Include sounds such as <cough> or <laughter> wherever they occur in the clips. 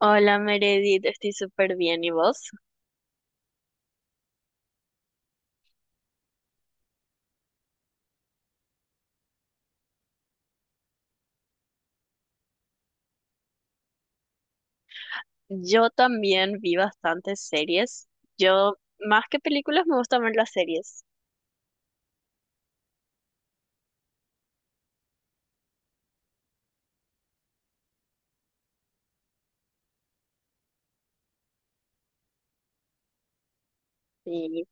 Hola Meredith, estoy súper bien. ¿Y vos? Yo también vi bastantes series. Yo, más que películas, me gustan ver las series. Sí,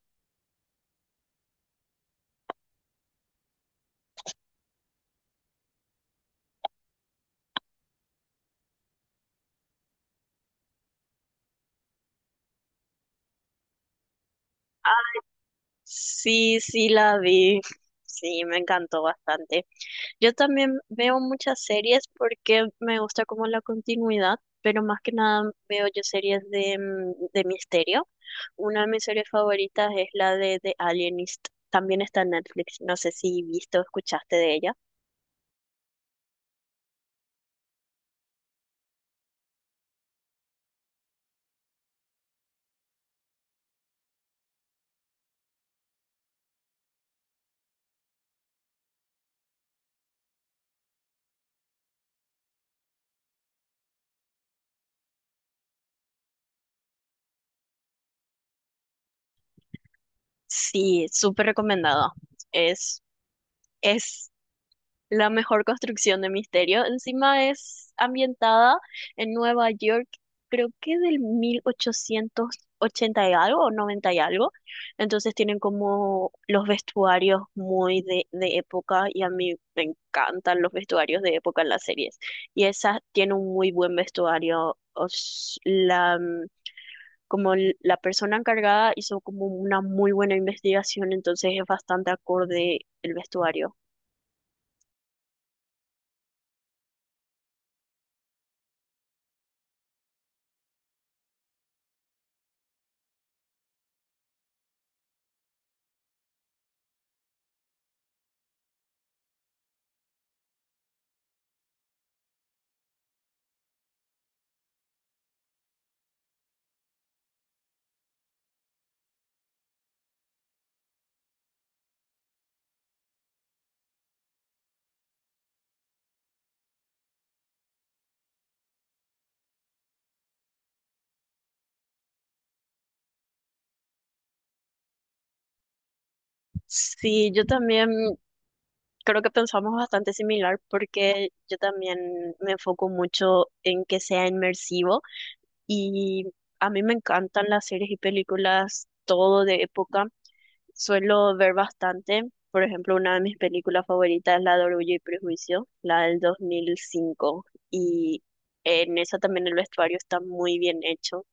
sí, sí la vi. Sí, me encantó bastante. Yo también veo muchas series porque me gusta como la continuidad, pero más que nada veo yo series de misterio. Una de mis series favoritas es la de The Alienist. También está en Netflix. No sé si viste o escuchaste de ella. Sí, súper recomendado. Es, es la mejor construcción de misterio. Encima es ambientada en Nueva York, creo que del 1880 y algo o 90 y algo. Entonces tienen como los vestuarios muy de época y a mí me encantan los vestuarios de época en las series. Y esa tiene un muy buen vestuario. La persona encargada hizo como una muy buena investigación, entonces es bastante acorde el vestuario. Sí, yo también creo que pensamos bastante similar porque yo también me enfoco mucho en que sea inmersivo y a mí me encantan las series y películas todo de época. Suelo ver bastante. Por ejemplo, una de mis películas favoritas es la de Orgullo y Prejuicio, la del 2005. Y en esa también el vestuario está muy bien hecho.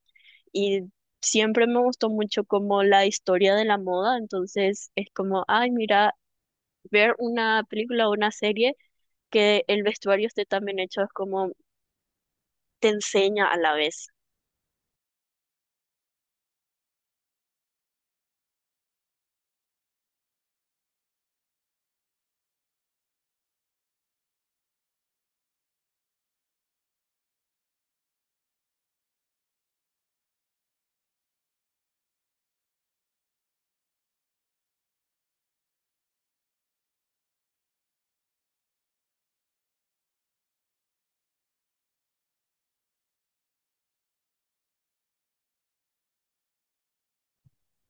Y siempre me gustó mucho como la historia de la moda, entonces es como, ay, mira, ver una película o una serie que el vestuario esté tan bien hecho es como te enseña a la vez.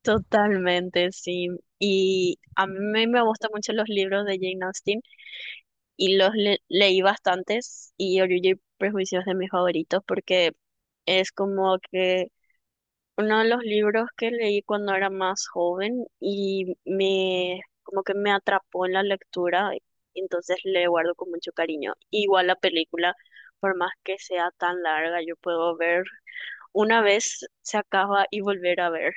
Totalmente, sí. Y a mí me gustan mucho los libros de Jane Austen y los leí bastantes, y Orgullo y Prejuicio es de mis favoritos porque es como que uno de los libros que leí cuando era más joven y me como que me atrapó en la lectura, y entonces le guardo con mucho cariño. Igual la película, por más que sea tan larga, yo puedo ver una vez se acaba y volver a ver.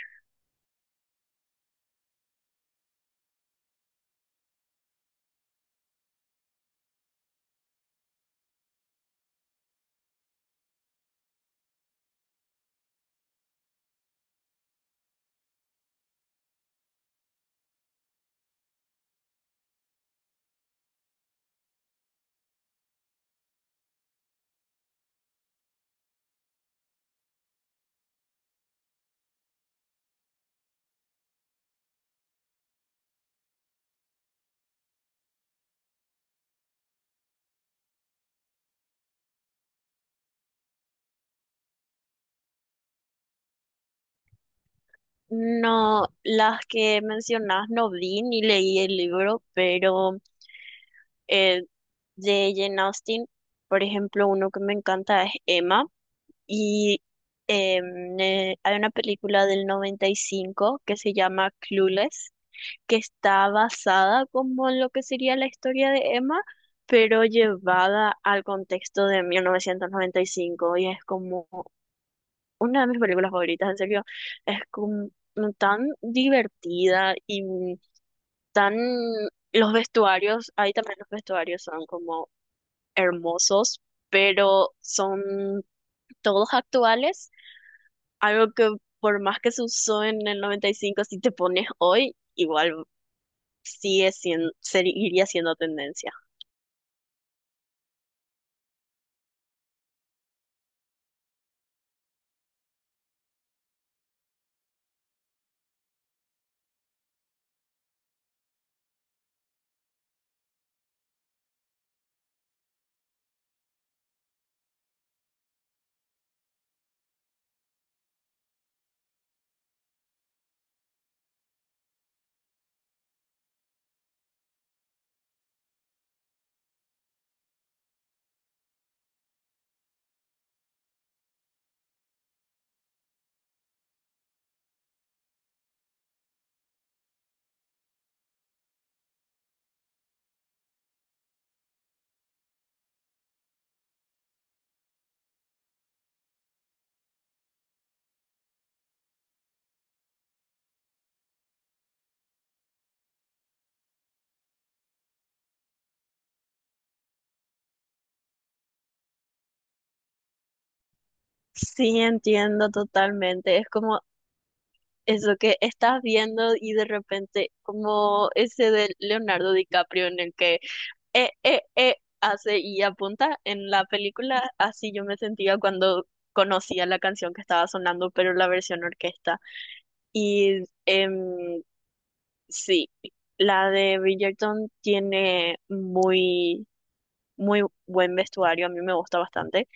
No, las que mencionás no vi ni leí el libro, pero eh, de Jane Austen, por ejemplo, uno que me encanta es Emma. Y hay una película del 95 que se llama Clueless, que está basada como en lo que sería la historia de Emma, pero llevada al contexto de 1995. Y cinco. Y es como una de mis películas favoritas, en serio. Es como tan divertida y tan. Los vestuarios, ahí también los vestuarios son como hermosos, pero son todos actuales, algo que por más que se usó en el 95, si te pones hoy, igual sigue siendo, seguiría siendo tendencia. Sí, entiendo totalmente. Es como eso que estás viendo y de repente, como ese de Leonardo DiCaprio en el que hace y apunta en la película, así yo me sentía cuando conocía la canción que estaba sonando, pero la versión orquesta. Y sí, la de Bridgerton tiene muy, muy buen vestuario, a mí me gusta bastante.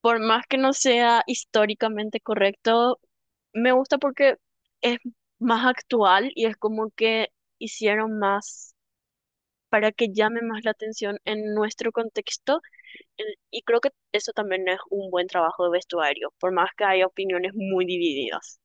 Por más que no sea históricamente correcto, me gusta porque es más actual y es como que hicieron más para que llame más la atención en nuestro contexto y creo que eso también es un buen trabajo de vestuario, por más que haya opiniones muy divididas.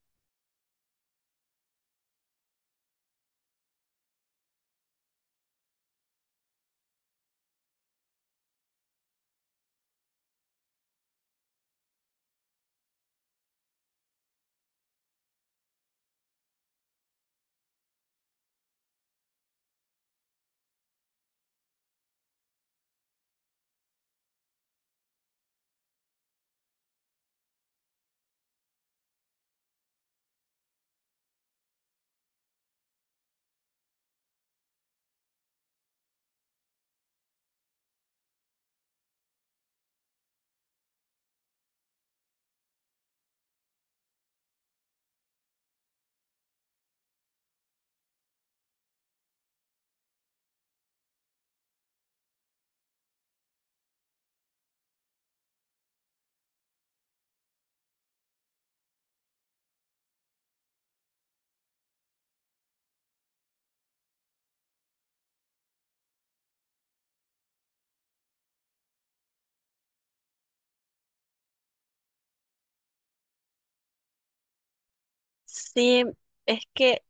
Sí, es que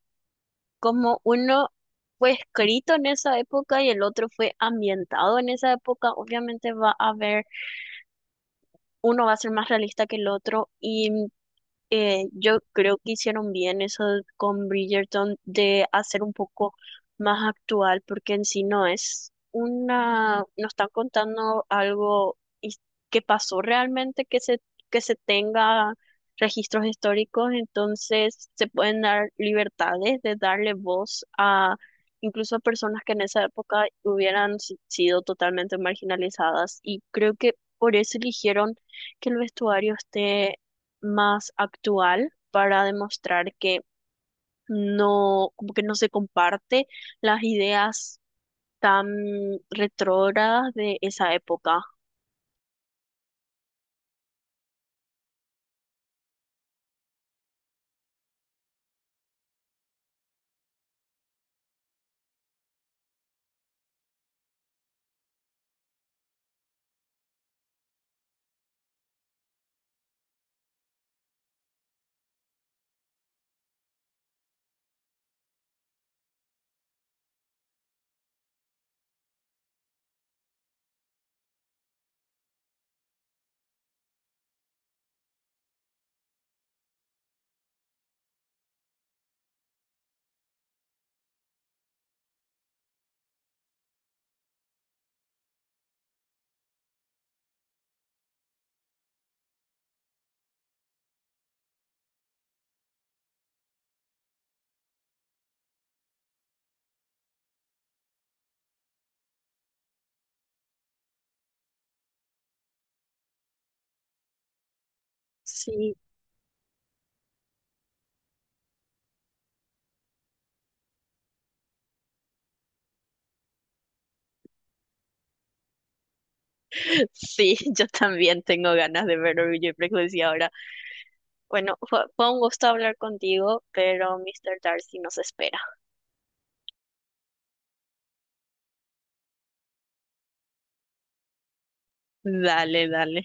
como uno fue escrito en esa época y el otro fue ambientado en esa época, obviamente va a haber, uno va a ser más realista que el otro y yo creo que hicieron bien eso con Bridgerton de hacer un poco más actual, porque en sí no es una, no están contando algo que pasó realmente, que se tenga registros históricos, entonces se pueden dar libertades de darle voz a incluso a personas que en esa época hubieran sido totalmente marginalizadas, y creo que por eso eligieron que el vestuario esté más actual para demostrar que no, como que no se comparte las ideas tan retrógradas de esa época. Sí, <laughs> sí, yo también tengo ganas de ver Orgullo y Prejuicio ahora. Bueno, fue un gusto hablar contigo, pero Mr. Darcy nos espera. Dale, dale.